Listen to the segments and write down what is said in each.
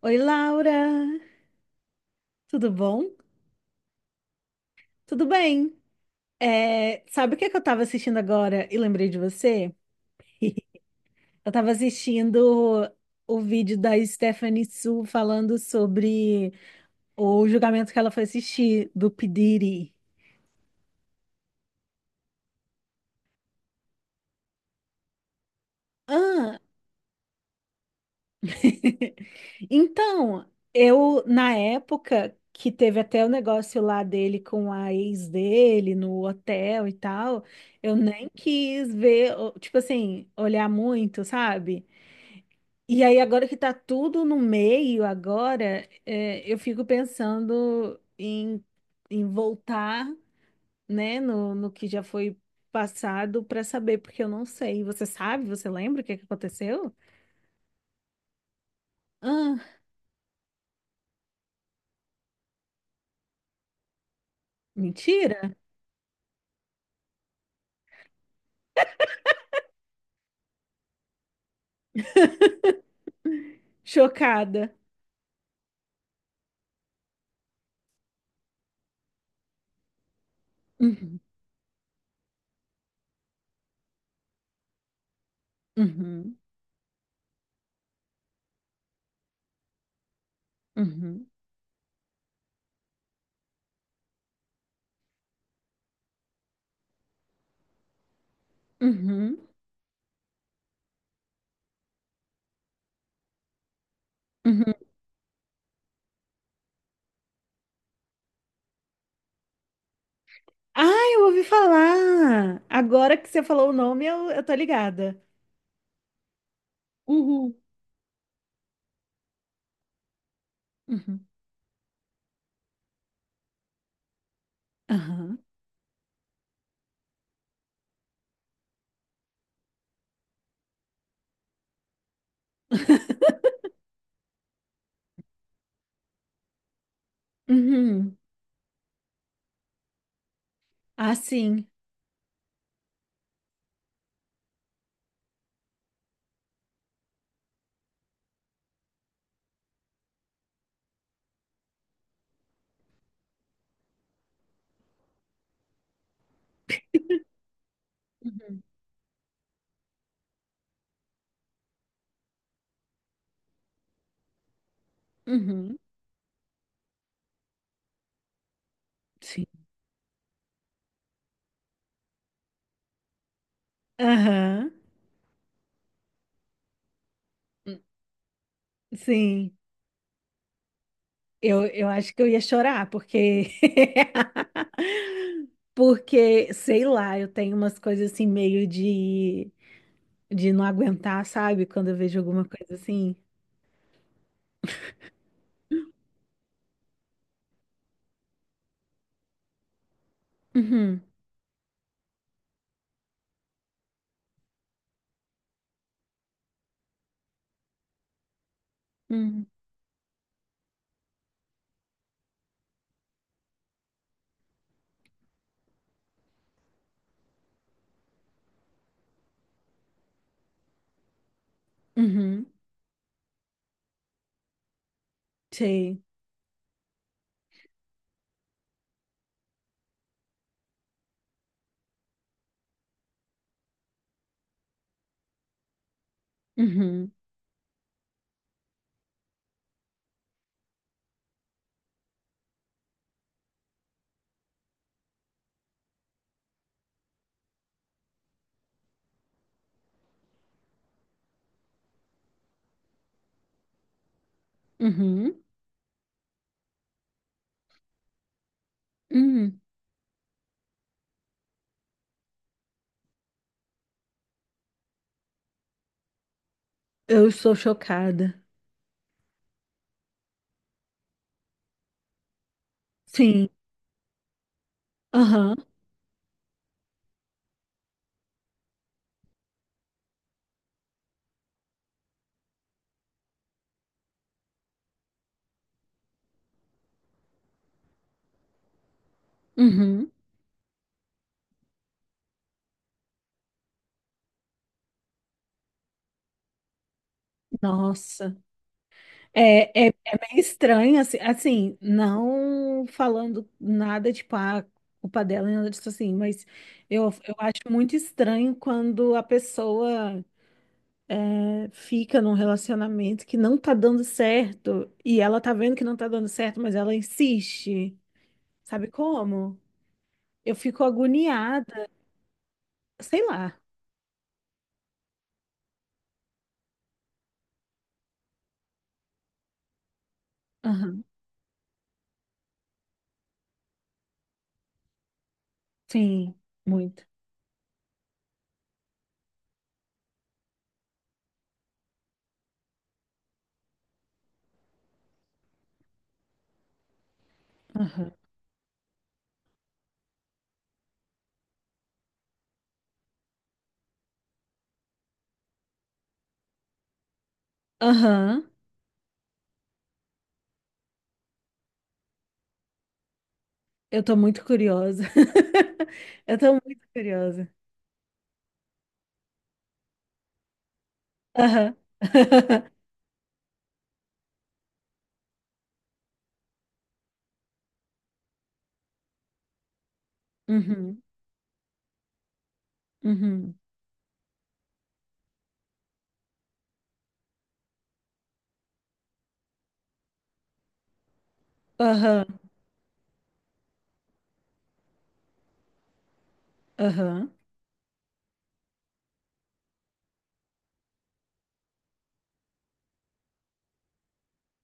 Oi, Laura! Tudo bom? Tudo bem. É, sabe o que é que eu tava assistindo agora e lembrei de você? Eu tava assistindo o vídeo da Stephanie Su falando sobre o julgamento que ela foi assistir do P. Diddy. Ah! Então, eu, na época que teve até o negócio lá dele com a ex dele no hotel e tal, eu nem quis ver, tipo assim, olhar muito, sabe? E aí, agora que tá tudo no meio, agora, eu fico pensando em, em voltar, né, no que já foi passado para saber, porque eu não sei. Você sabe? Você lembra o que que aconteceu? Ah, mentira! Chocada. Uhum, uhum, uhum, uhum, uhum. Ah, eu ouvi falar! Agora que você falou o nome, eu tô ligada. Uhul. Uhum. Aham. Uhum. Ah, sim. Uhum. Uhum. Sim. Aham. Hum, sim. Eu acho que eu ia chorar, porque. Porque, sei lá, eu tenho umas coisas assim meio de não aguentar, sabe? Quando eu vejo alguma coisa assim. Uhum. Uhum. Uhum. Sei. Uhum. Uhum. Uhum. Eu estou chocada. Sim. Aham. Uhum. Nossa. É meio estranho, assim, não falando nada, tipo, a culpa dela, nem nada disso assim, mas eu acho muito estranho quando a pessoa fica num relacionamento que não tá dando certo e ela tá vendo que não tá dando certo, mas ela insiste, sabe como? Eu fico agoniada, sei lá. Aham, sim, muito. Aham, aham, eu tô muito curiosa. Eu tô muito curiosa. Aham. Uhum. Uhum. Aham. Aham.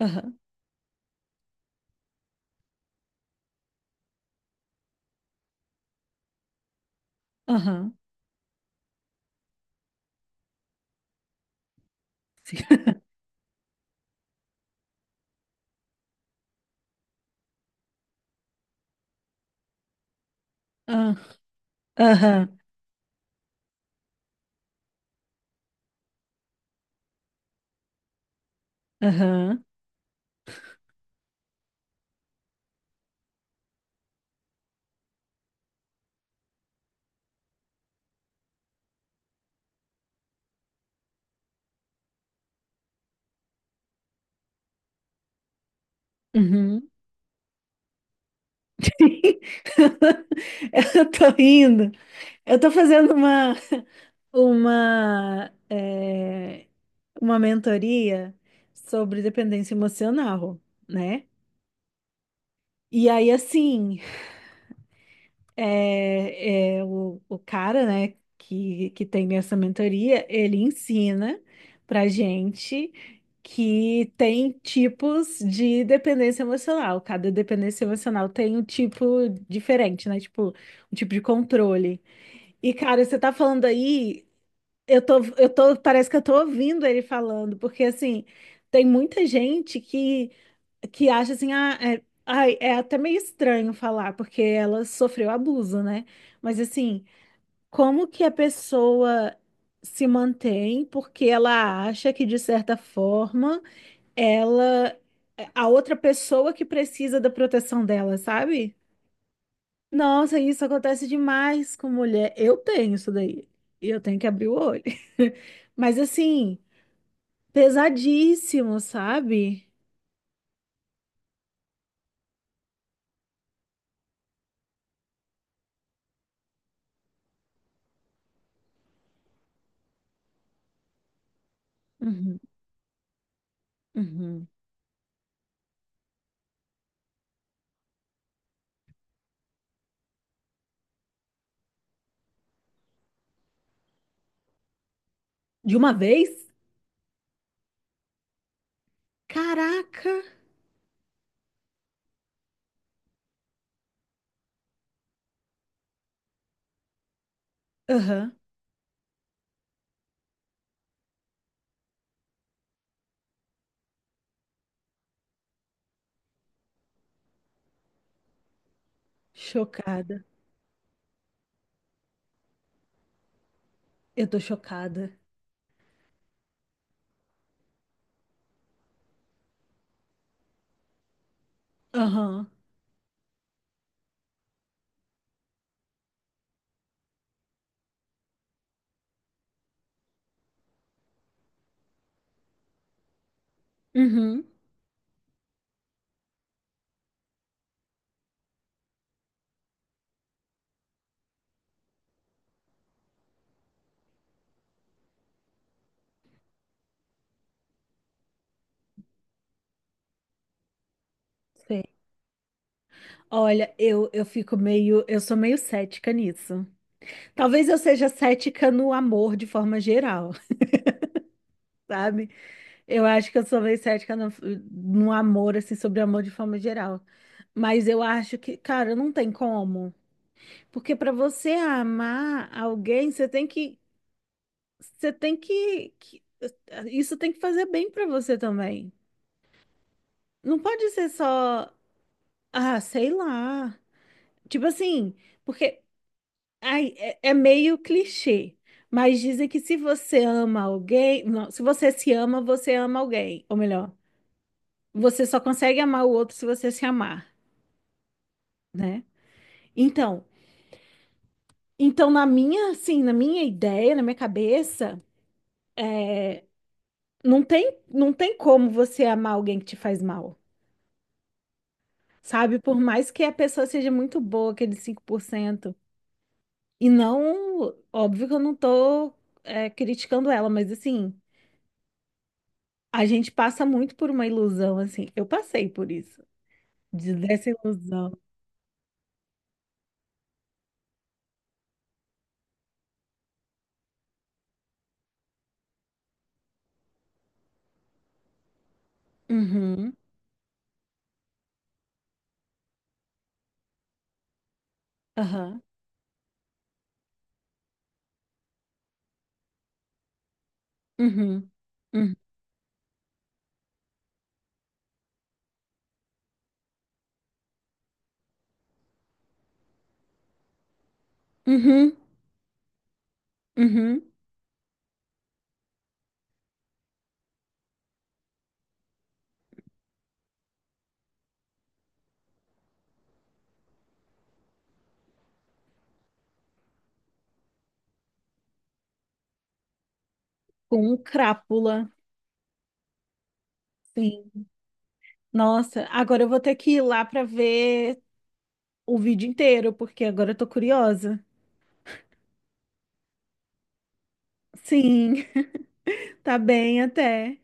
Aham. Aham. Sim. Ah, aham. Aham. Uhum. Eu tô rindo. Eu tô fazendo uma, eh, uma mentoria sobre dependência emocional, né? E aí, assim, é o cara, né, que tem essa mentoria, ele ensina pra gente que tem tipos de dependência emocional. Cada dependência emocional tem um tipo diferente, né? Tipo, um tipo de controle. E, cara, você tá falando aí, parece que eu tô ouvindo ele falando, porque assim, tem muita gente que acha assim, é até meio estranho falar, porque ela sofreu abuso, né? Mas assim, como que a pessoa se mantém porque ela acha que, de certa forma, ela, é a outra pessoa que precisa da proteção dela, sabe? Nossa, isso acontece demais com mulher. Eu tenho isso daí. E eu tenho que abrir o olho. Mas assim, pesadíssimo, sabe? Uhum, uhum. De uma vez? Caraca! Aham. Chocada. Eu tô chocada. Aham. Uhum. Sei. Olha, eu fico meio. Eu sou meio cética nisso. Talvez eu seja cética no amor de forma geral, sabe? Eu acho que eu sou meio cética no amor, assim, sobre amor de forma geral. Mas eu acho que, cara, não tem como. Porque pra você amar alguém, você tem que. Você tem que. que- Isso tem que fazer bem pra você também. Não pode ser só, ah, sei lá. Tipo assim, porque é meio clichê, mas dizem que se você ama alguém, não, se você se ama, você ama alguém. Ou melhor, você só consegue amar o outro se você se amar, né? Então, então na minha, assim, na minha ideia, na minha cabeça, é, não tem, não tem como você amar alguém que te faz mal. Sabe, por mais que a pessoa seja muito boa, aquele 5%. E não, óbvio que eu não tô, é, criticando ela, mas assim, a gente passa muito por uma ilusão, assim. Eu passei por isso, dessa ilusão. Uhum, aham, uhum, uhum, uhum, uhum, com crápula, sim. Nossa, agora eu vou ter que ir lá pra ver o vídeo inteiro, porque agora eu tô curiosa. Sim, tá bem até.